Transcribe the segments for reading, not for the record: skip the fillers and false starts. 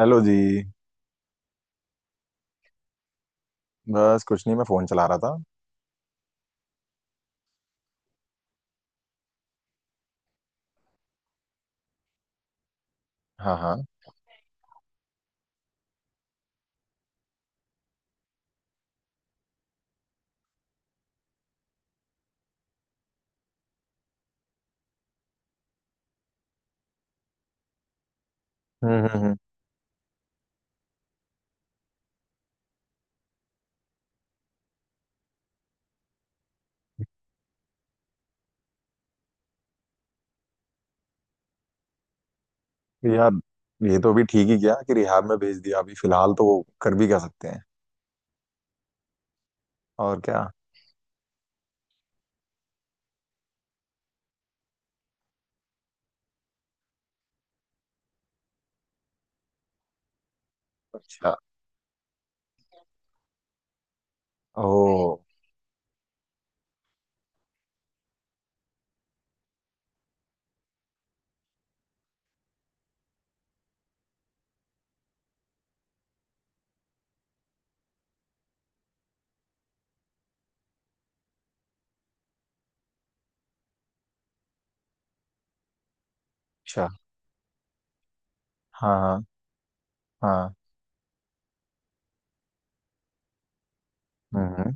Hello जी। बस कुछ नहीं, मैं फोन चला रहा था। हाँ हाँ। हम्म हम्म हम्म। तो यार ये तो अभी ठीक ही किया कि रिहाब में भेज दिया, अभी फिलहाल तो वो कर भी क्या सकते हैं? और क्या। अच्छा। ओ। अच्छा। हाँ हाँ। हाँ। हम्म हम्म,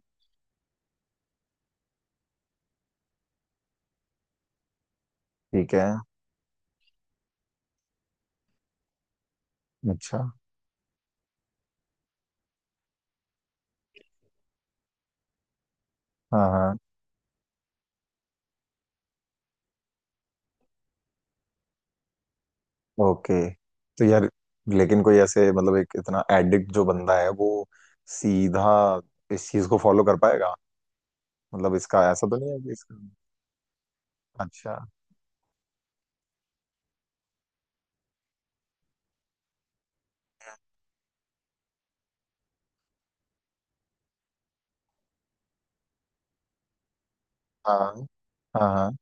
ठीक है। अच्छा। हाँ हाँ। ओके। तो यार लेकिन कोई ऐसे मतलब एक इतना एडिक्ट जो बंदा है वो सीधा इस चीज को फॉलो कर पाएगा? मतलब इसका ऐसा तो नहीं है कि इसका। अच्छा। हाँ हाँ हाँ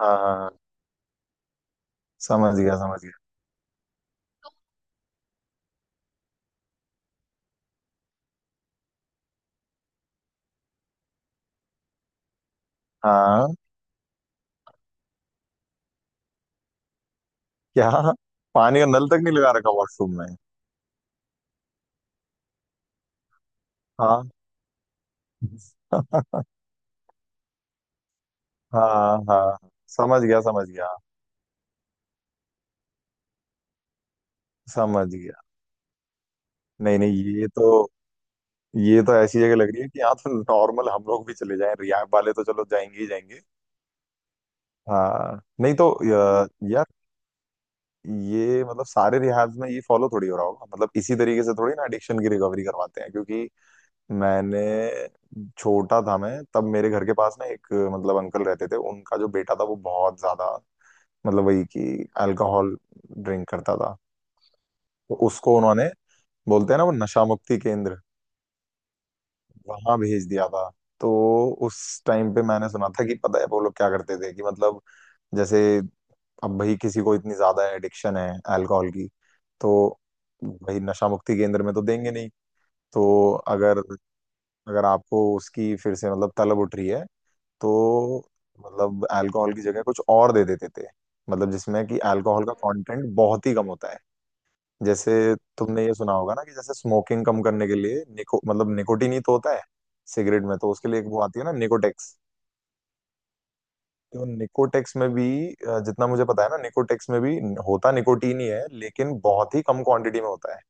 हाँ। हाँ, हाँ, समझ गया समझ गया। हाँ। क्या? पानी का नल तक नहीं लगा रखा वॉशरूम में? हाँ। हाँ हाँ। समझ गया समझ गया। समझ गया। नहीं नहीं, ये तो ऐसी जगह लग रही है कि यहाँ तो नॉर्मल हम लोग भी चले जाएं, रियाब वाले तो चलो जाएंगे ही जाएंगे। हाँ नहीं तो यार ये मतलब सारे रिहैब्स में ये फॉलो थोड़ी हो रहा होगा, मतलब इसी तरीके से थोड़ी ना एडिक्शन की रिकवरी करवाते हैं क्योंकि मैंने छोटा था मैं तब मेरे घर के पास ना एक मतलब अंकल रहते थे, उनका जो बेटा था वो बहुत ज्यादा मतलब वही कि अल्कोहल ड्रिंक करता था। तो उसको उन्होंने, बोलते हैं ना वो नशा मुक्ति केंद्र, वहां भेज दिया था। तो उस टाइम पे मैंने सुना था कि पता है वो लोग क्या करते थे कि मतलब जैसे अब भाई किसी को इतनी ज्यादा एडिक्शन है अल्कोहल की तो भाई नशा मुक्ति केंद्र में तो देंगे नहीं। तो अगर अगर आपको उसकी फिर से मतलब तलब उठ रही है, तो मतलब अल्कोहल की जगह कुछ और दे देते थे, मतलब जिसमें कि अल्कोहल का कंटेंट बहुत ही कम होता है। जैसे तुमने ये सुना होगा ना कि जैसे स्मोकिंग कम करने के लिए निको मतलब निकोटीन ही तो होता है सिगरेट में। तो उसके लिए एक वो आती है ना निकोटेक्स। तो निकोटेक्स में भी जितना मुझे पता है ना, निकोटेक्स में भी होता निकोटीन ही है लेकिन बहुत ही कम क्वांटिटी में होता है।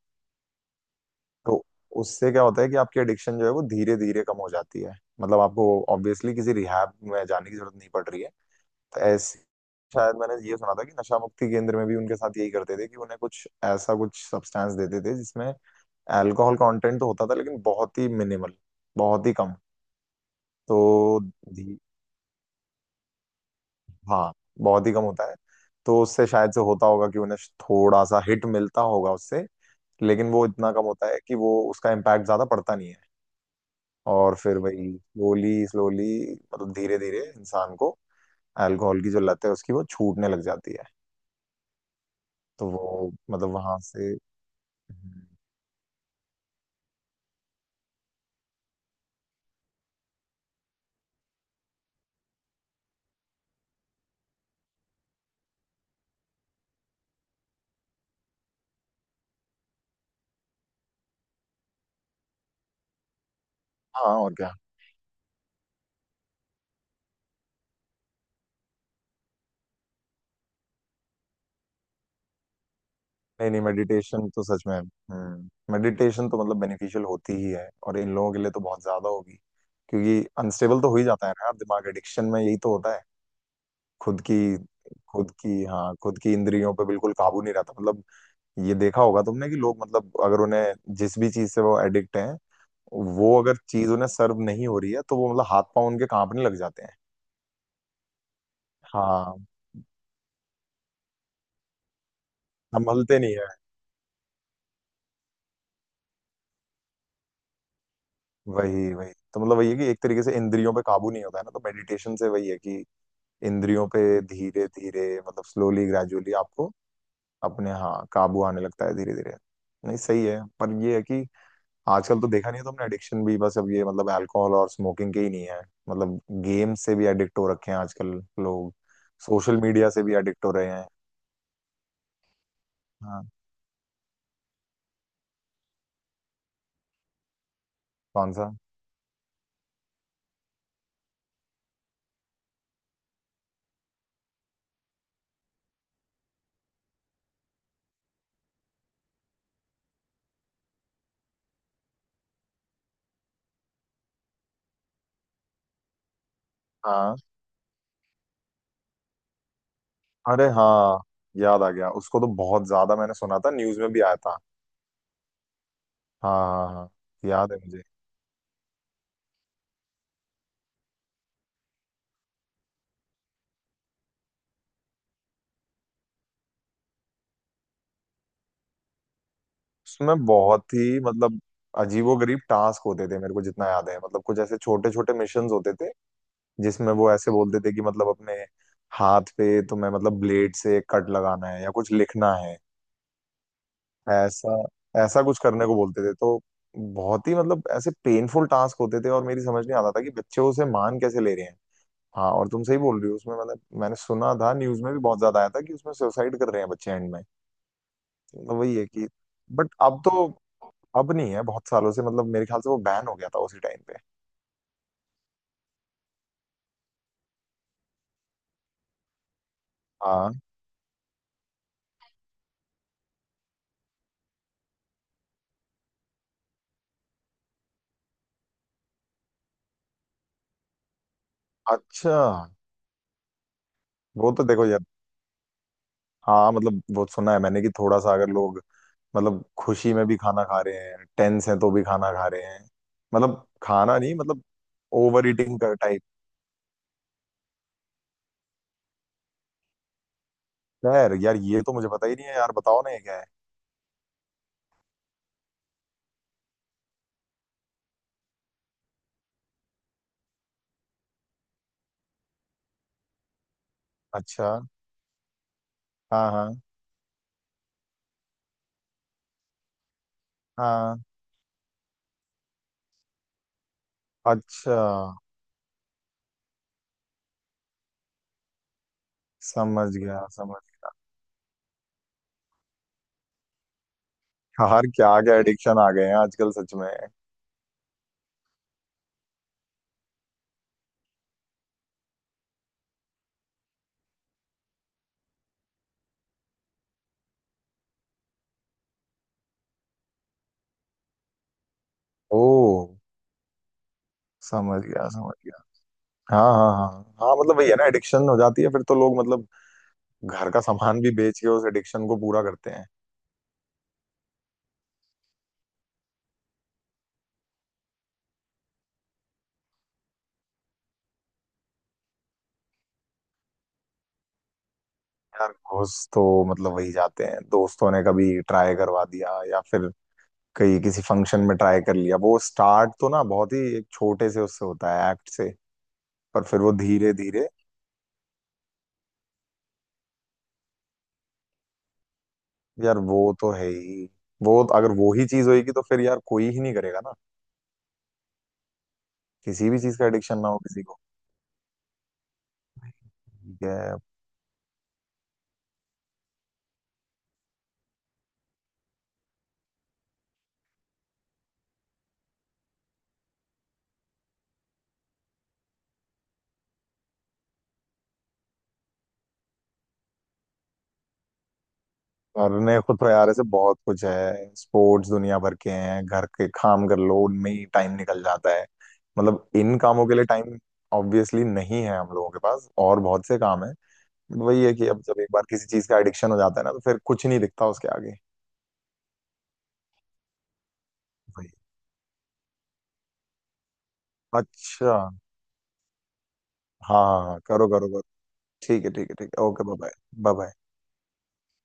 तो उससे क्या होता है कि आपकी एडिक्शन जो है वो धीरे धीरे कम हो जाती है, मतलब आपको ऑब्वियसली किसी रिहैब में जाने की जरूरत नहीं पड़ रही है ऐसे। शायद मैंने ये सुना था कि नशा मुक्ति केंद्र में भी उनके साथ यही करते थे कि उन्हें कुछ ऐसा कुछ सब्सटेंस देते थे जिसमें अल्कोहल कंटेंट तो होता था लेकिन बहुत ही मिनिमल, बहुत ही कम। तो धी- हाँ बहुत ही कम होता है। तो उससे शायद से होता होगा कि उन्हें थोड़ा सा हिट मिलता होगा उससे, लेकिन वो इतना कम होता है कि वो उसका इम्पैक्ट ज्यादा पड़ता नहीं है। और फिर वही स्लोली स्लोली, मतलब धीरे धीरे इंसान को अल्कोहल की जो लत है उसकी वो छूटने लग जाती है। तो वो मतलब वहां से। हाँ और क्या। नहीं नहीं, मेडिटेशन तो सच में, मेडिटेशन तो मतलब बेनिफिशियल होती ही है, और इन लोगों के लिए तो बहुत ज्यादा होगी क्योंकि अनस्टेबल तो हो ही जाता है ना यार, दिमाग एडिक्शन में यही तो होता है। खुद की खुद की हाँ, खुद की इंद्रियों पे बिल्कुल काबू नहीं रहता, मतलब ये देखा होगा तुमने कि लोग, मतलब अगर उन्हें जिस भी चीज से वो एडिक्ट हैं, वो अगर चीज उन्हें सर्व नहीं हो रही है तो वो मतलब हाथ पांव उनके कांपने लग जाते हैं। हाँ, संभलते नहीं है। वही वही तो मतलब वही है कि एक तरीके से इंद्रियों पे काबू नहीं होता है ना, तो मेडिटेशन से वही है कि इंद्रियों पे धीरे धीरे, मतलब स्लोली ग्रेजुअली आपको अपने, हाँ काबू आने लगता है धीरे धीरे। नहीं सही है, पर ये है कि आजकल तो देखा नहीं है तुमने, एडिक्शन भी बस अब ये मतलब अल्कोहल और स्मोकिंग के ही नहीं है, मतलब गेम से भी एडिक्ट हो रखे हैं आजकल लोग, सोशल मीडिया से भी एडिक्ट हो रहे हैं। हाँ। कौन सा? हाँ, अरे हाँ, याद आ गया, उसको तो बहुत ज्यादा मैंने सुना था, न्यूज में भी आया था। हाँ हाँ हाँ, याद है मुझे। उसमें बहुत ही मतलब अजीबोगरीब टास्क होते थे, मेरे को जितना याद है, मतलब कुछ ऐसे छोटे छोटे मिशंस होते थे जिसमें वो ऐसे बोलते थे कि मतलब अपने हाथ पे तुम्हें, मतलब ब्लेड से कट लगाना है या कुछ लिखना है। ऐसा ऐसा कुछ करने को बोलते थे, तो बहुत ही मतलब ऐसे पेनफुल टास्क होते थे और मेरी समझ नहीं आता था कि बच्चे उसे मान कैसे ले रहे हैं। हाँ और तुम सही बोल रही हो, उसमें मतलब मैंने सुना था, न्यूज में भी बहुत ज्यादा आया था कि उसमें सुसाइड कर रहे हैं बच्चे एंड में। वही है कि बट अब नहीं है बहुत सालों से, मतलब मेरे ख्याल से वो बैन हो गया था उसी टाइम पे। हाँ। अच्छा। वो तो देखो यार, हाँ मतलब वो सुना है मैंने कि थोड़ा सा अगर लोग, मतलब खुशी में भी खाना खा रहे हैं, टेंस हैं तो भी खाना खा रहे हैं, मतलब खाना नहीं, मतलब ओवर ईटिंग का टाइप। खैर यार ये तो मुझे पता ही नहीं है, यार बताओ ना ये क्या है? अच्छा हाँ हाँ हाँ। अच्छा। समझ गया समझ गया। यार क्या क्या एडिक्शन आ गए हैं आजकल सच में। ओ। समझ गया समझ गया। हाँ हाँ हाँ हाँ, मतलब वही है ना, एडिक्शन हो जाती है फिर तो लोग मतलब घर का सामान भी बेच के उस एडिक्शन को पूरा करते हैं। यार घूस तो मतलब वही जाते हैं, दोस्तों ने कभी ट्राई करवा दिया या फिर कहीं किसी फंक्शन में ट्राई कर लिया, वो स्टार्ट तो ना बहुत ही एक छोटे से उससे होता है एक्ट से, पर फिर वो धीरे धीरे। यार वो तो है ही, वो अगर वो ही चीज होगी तो फिर यार कोई ही नहीं करेगा ना किसी भी चीज का एडिक्शन ना हो किसी को। ठीक है। और ने खुद तो यार ऐसे बहुत कुछ है, स्पोर्ट्स दुनिया भर के हैं, घर के काम कर लो उनमें ही टाइम निकल जाता है। मतलब इन कामों के लिए टाइम ऑब्वियसली नहीं है हम लोगों के पास, और बहुत से काम है। वही है कि अब जब एक बार किसी चीज का एडिक्शन हो जाता है ना तो फिर कुछ नहीं दिखता उसके आगे। वही। अच्छा हाँ। हाँ, हाँ, करो करो करो। ठीक है ठीक है ठीक है, ओके बाय बाय। बाय।